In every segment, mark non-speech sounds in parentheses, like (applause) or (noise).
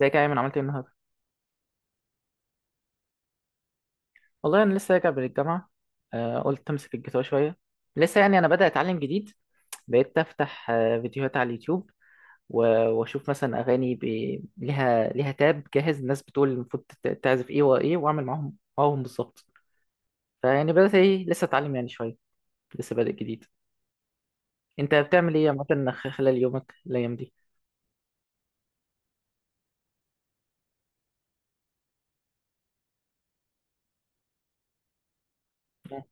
ازيك يا ايمن عملت ايه النهارده؟ والله انا لسه راجع من الجامعه. قلت امسك الجيتار شويه. لسه يعني انا بدأ اتعلم جديد. بقيت افتح فيديوهات على اليوتيوب، واشوف مثلا اغاني لها تاب جاهز. الناس بتقول المفروض تعزف ايه وايه، واعمل معاهم بالظبط. فيعني بدأت لسه اتعلم يعني شويه، لسه بادئ جديد. انت بتعمل ايه مثلا خلال يومك الايام دي؟ اه،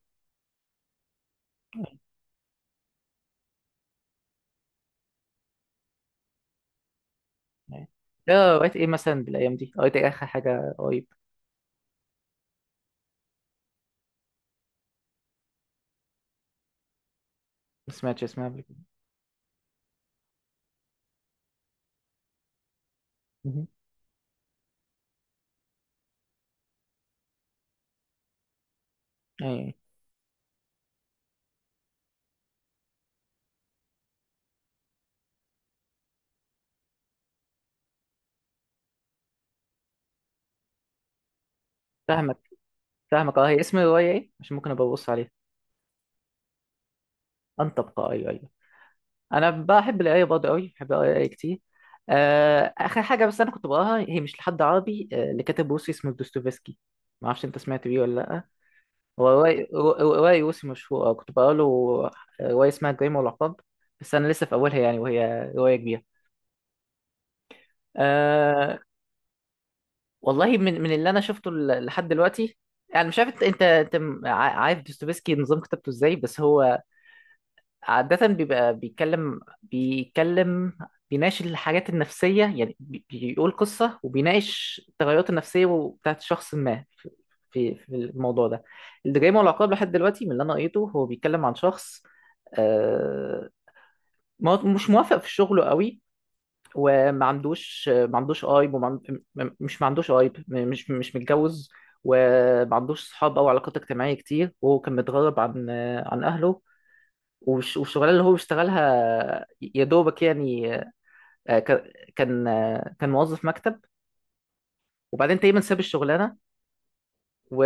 آه. آه، قريت ايه مثلا بالايام دي؟ قريت ايه اخر حاجه قريب؟ ما سمعتش اسمها قبل كده. مهم. ايوه. فاهمك، فاهمك، اه. هي اسم الرواية ايه؟ مش ممكن ابقى ابص عليها. ان تبقى. ايوه ايوه. انا بحب القراية برضه قوي، بحب القراية كتير. اخر حاجة بس انا كنت بقراها هي مش لحد عربي، لكاتب روسي اسمه دوستويفسكي. ما اعرفش انت سمعت بيه ولا لا. هو رواية روسي مشهورة، كنت بقرا له. رواية اسمها الجريمة والعقاب. بس انا لسه في اولها يعني، وهي رواية كبيرة. أه. والله، من اللي انا شفته لحد دلوقتي، يعني مش عارف انت انت أنت عارف دوستويفسكي نظام كتابته ازاي. بس هو عادة بيبقى بيتكلم، بيناقش الحاجات النفسية. يعني بيقول قصة وبيناقش التغيرات النفسية بتاعت شخص ما في في الموضوع ده. الجريمة والعقاب لحد دلوقتي من اللي أنا قريته هو بيتكلم عن شخص، آه، مش موافق في شغله قوي، وما عندوش ما عندوش قايب، وما عند- م- مش مش متجوز، وما عندوش صحاب او علاقات اجتماعيه كتير، وهو كان متغرب عن اهله والش- والشغلانه اللي هو بيشتغلها يا دوبك يعني. كان موظف مكتب، وبعدين تقريبا ساب الشغلانه و...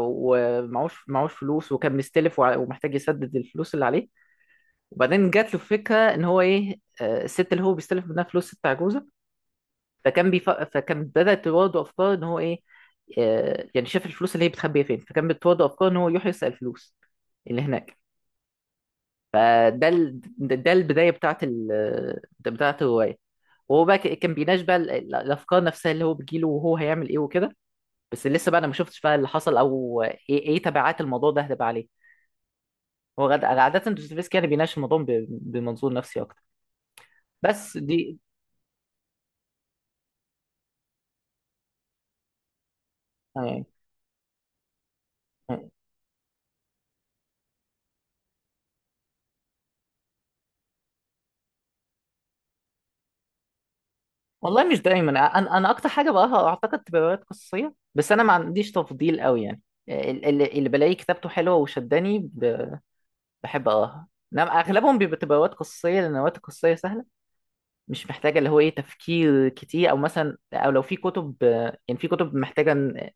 معوش فلوس، وكان مستلف ومحتاج يسدد الفلوس اللي عليه. وبعدين جات له فكره ان هو ايه، الست اللي هو بيستلف منها فلوس ست عجوزه. فكان بدات تواجهه افكار ان هو ايه، يعني شاف الفلوس اللي هي بتخبيها فين، فكان بتواجهه افكار ان هو يروح يسرق الفلوس اللي هناك. ده البدايه بتاعت ده بتاعت الروايه. وهو بقى كان بيناقش بقى الافكار نفسها اللي هو بتجيله، وهو هيعمل ايه وكده. بس لسه بقى انا ما شفتش بقى اللي حصل، او ايه تبعات الموضوع ده هتبقى عليه. هو عاده دوستويفسكي يعني بيناقش الموضوع بمنظور نفسي اكتر. بس دي. آه، آه. والله مش دايما، انا اكتر حاجه بقراها اعتقد تبقى روايات قصصيه، بس انا ما عنديش تفضيل قوي يعني. اللي بلاقي كتابته حلوه وشداني بحب اقراها. انما اغلبهم بيبقى تبقى روايات قصصيه، لان الروايات القصصيه سهله، مش محتاجه اللي هو ايه تفكير كتير، او مثلا او لو في كتب، يعني في كتب محتاجه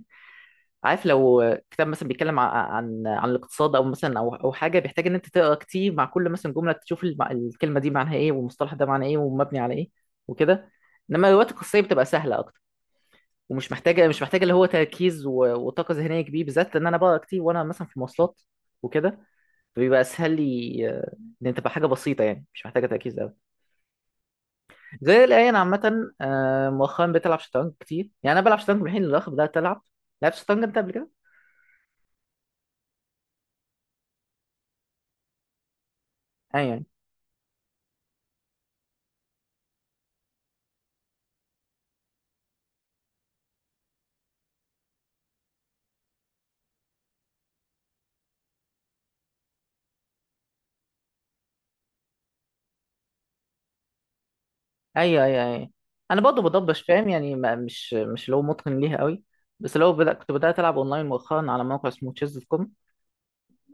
عارف، لو كتاب مثلا بيتكلم عن الاقتصاد او مثلا او حاجه، بيحتاج ان انت تقرا كتير مع كل مثلا جمله، تشوف الكلمه دي معناها ايه، والمصطلح ده معناه ايه ومبني على ايه وكده. انما الروايات القصيه بتبقى سهله اكتر، ومش محتاجه مش محتاجه اللي هو تركيز وطاقه ذهنيه كبيره، بالذات لان انا بقرا كتير وانا مثلا في مواصلات وكده. فبيبقى اسهل لي، ان تبقى حاجه بسيطه يعني مش محتاجه تركيز. زي الآن عامة، مؤخرا بتلعب شطرنج كتير. يعني أنا بلعب شطرنج من الحين للآخر، بدأت ألعب. لعبت شطرنج أنت قبل كده؟ أيوه أيوه أيوه أيوه. أنا برضه بضبش فاهم، يعني ما مش اللي هو متقن ليها قوي. بس لو بدأ، كنت بدأت ألعب أونلاين مؤخرا على موقع اسمه تشيز دوت كوم.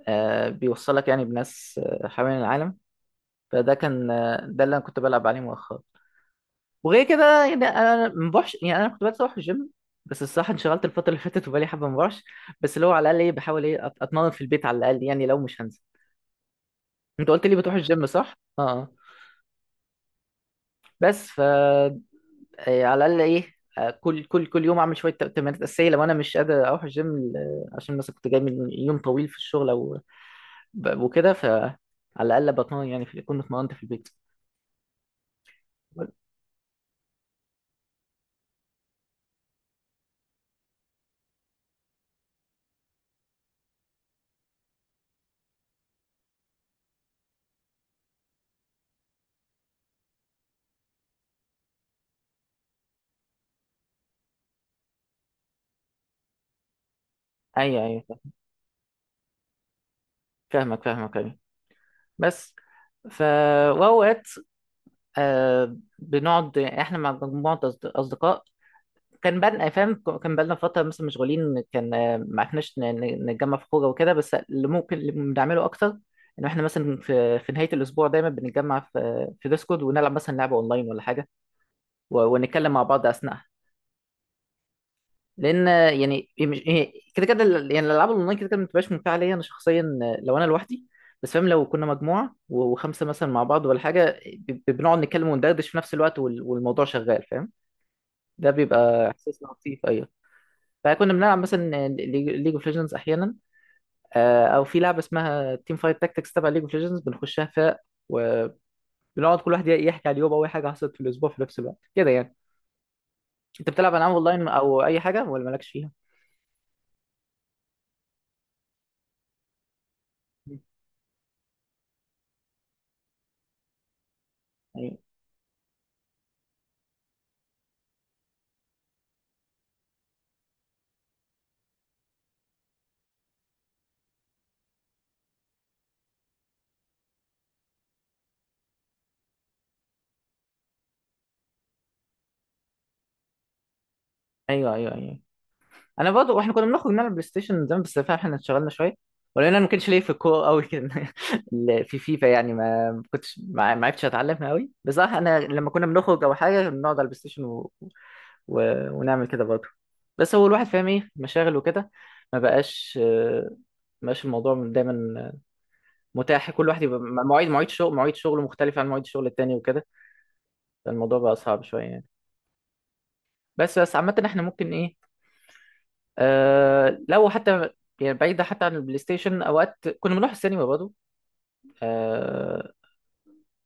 بيوصلك يعني بناس حوالين العالم. فده كان، ده اللي أنا كنت بلعب عليه مؤخرا. وغير كده يعني أنا ما بروحش، يعني أنا كنت بدأت أروح الجيم، بس الصراحة انشغلت الفترة اللي فاتت وبقالي حبة ما بروحش. بس اللي هو على الأقل إيه، بحاول إيه أتمرن في البيت على الأقل، يعني لو مش هنزل. انت قلت لي بتروح الجيم صح؟ اه، آه. بس ف، إيه، على الاقل ايه، كل يوم اعمل شويه تمارين اساسيه لو انا مش قادر اروح الجيم، عشان مثلا كنت جاي من يوم طويل في الشغل او وكده. فعلى الاقل بطمن يعني كنت اتمرنت في البيت. ايوه ايوه، فاهمك فاهمك ايوه. بس ف، واوقات، بنقعد احنا مع مجموعه اصدقاء. كان بالنا فاهم، كان بالنا فترة مثلا مشغولين، كان ما عرفناش نتجمع في خروجة وكده. بس اللي ممكن اللي بنعمله أكتر إن إحنا مثلا في نهاية الأسبوع دايما بنتجمع في ديسكورد ونلعب مثلا لعبة أونلاين ولا حاجة ونتكلم مع بعض أثناءها. لأن يعني هي هي كده كده يعني الألعاب الأونلاين كده كده ما بتبقاش ممتعة ليا أنا شخصيا، لو أنا لوحدي. بس فاهم، لو كنا مجموعة وخمسة مثلا مع بعض ولا حاجة، بنقعد نتكلم وندردش في نفس الوقت والموضوع شغال فاهم. ده بيبقى إحساس لطيف أيوة. فكنا بنلعب مثلا ليج اوف ليجندز احيانا، او في لعبه اسمها تيم فايت تاكتكس تبع ليج اوف ليجندز، بنخشها فرق، وبنقعد كل واحد يحكي على اليوم او اي حاجه حصلت في الاسبوع، في نفس الوقت كده يعني. انت بتلعب العاب اونلاين او اي حاجه ولا مالكش فيها؟ ايوه ايوه ايوه ايوه. انا برضه، واحنا كنا بنخرج نلعب بلاي ستيشن زمان، بس فعلا احنا اتشغلنا شويه، ولان انا ما كانش ليا في الكوره قوي كده (laughs) في فيفا يعني ما كنتش، ما عرفتش اتعلمها قوي بصراحه. انا لما كنا بنخرج او حاجه بنقعد على البلاي ستيشن و... ونعمل كده برضه. بس هو الواحد فاهم ايه مشاغل وكده، ما بقاش آه، ما بقاش الموضوع دايما متاح، كل واحد يبقى مواعيد شغل، مختلفة عن مواعيد الشغل التاني وكده. فالموضوع بقى صعب شوية يعني. بس بس عامة احنا ممكن ايه، لو حتى يعني بعيدة حتى عن البلاي ستيشن، اوقات كنا بنروح السينما برضه. آه.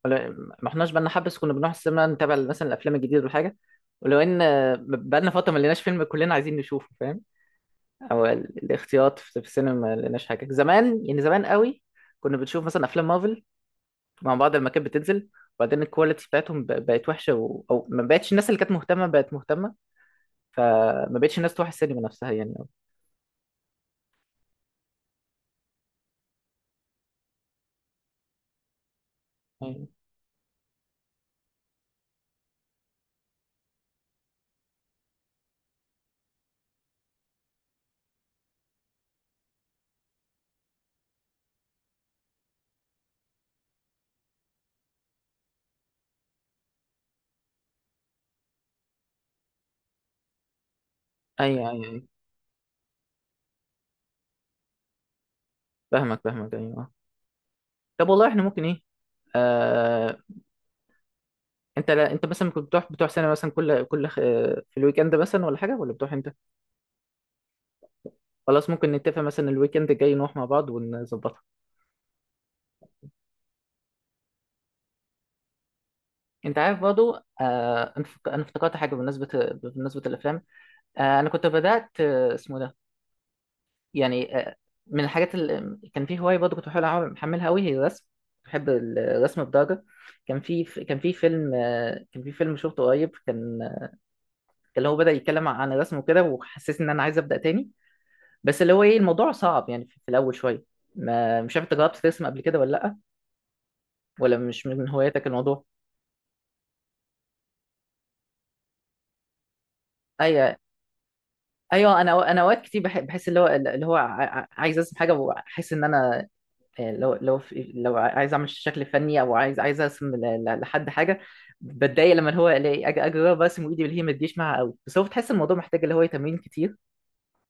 ولا- ما احناش، بقالنا حبة بس كنا بنروح السينما نتابع مثلا الافلام الجديدة والحاجة. ولو ان بقالنا فترة ما لقيناش فيلم كلنا عايزين نشوفه فاهم، او الاختيارات في السينما ما لقيناش حاجه. زمان يعني زمان قوي كنا بنشوف مثلا افلام مارفل مع بعض لما كانت بتنزل، وبعدين الكواليتي بتاعتهم بقت وحشه او ما بقتش الناس اللي كانت مهتمه بقت مهتمه، فما بقتش الناس تروح السينما نفسها يعني أوي. ايوه ايوه ايوه أيوة. فاهمك فاهمك ايوه. طب والله احنا ممكن ايه، آه... انت لا... انت مثلا كنت بتروح سينما مثلا كل كل في الويك اند مثلا ولا حاجه، ولا بتروح انت؟ خلاص، ممكن نتفق مثلا الويك اند الجاي نروح مع بعض ونظبطها. انت عارف برضو، أنا افتكرت حاجه بالنسبه، بالنسبه للافلام. انا كنت بدات آه اسمه ده يعني آه من الحاجات اللي كان في هوايه برضو، كنت بحاول محملها قوي هي الرسم. بحب الرسم بدرجه، كان في فيلم، آه كان في فيلم شفته قريب، كان هو بدا يتكلم عن الرسم وكده، وحسيت ان انا عايز ابدا تاني. بس اللي هو ايه الموضوع صعب يعني في الاول شويه. ما مش عارف انت جربت ترسم قبل كده ولا لا، ولا مش من هواياتك الموضوع؟ اي، ايوه. انا انا اوقات كتير بحس اللي هو عايز ارسم حاجه، وحاسس ان انا لو عايز اعمل شكل فني، او عايز ارسم لحد حاجه. بتضايق لما اللي هو الاقي اجرب ارسم وايدي اللي هي ما تجيش معاها قوي. بس هو بتحس الموضوع محتاج اللي هو تمرين كتير،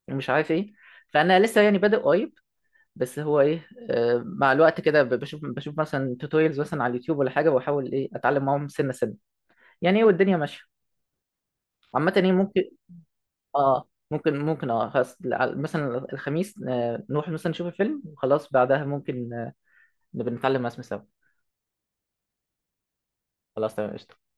ومش عارف ايه. فانا لسه يعني بادئ قريب، بس هو ايه، مع الوقت كده بشوف مثلا توتوريالز مثلا على اليوتيوب ولا حاجه، واحاول ايه اتعلم معاهم سنه سنه يعني ايه، والدنيا ماشيه. عامه ايه ممكن. اه ممكن، ممكن. اه خلاص، مثلا الخميس، نروح مثلا نشوف الفيلم وخلاص، بعدها ممكن نبقى نتعلم مع اسم سوا. خلاص تمام قشطة.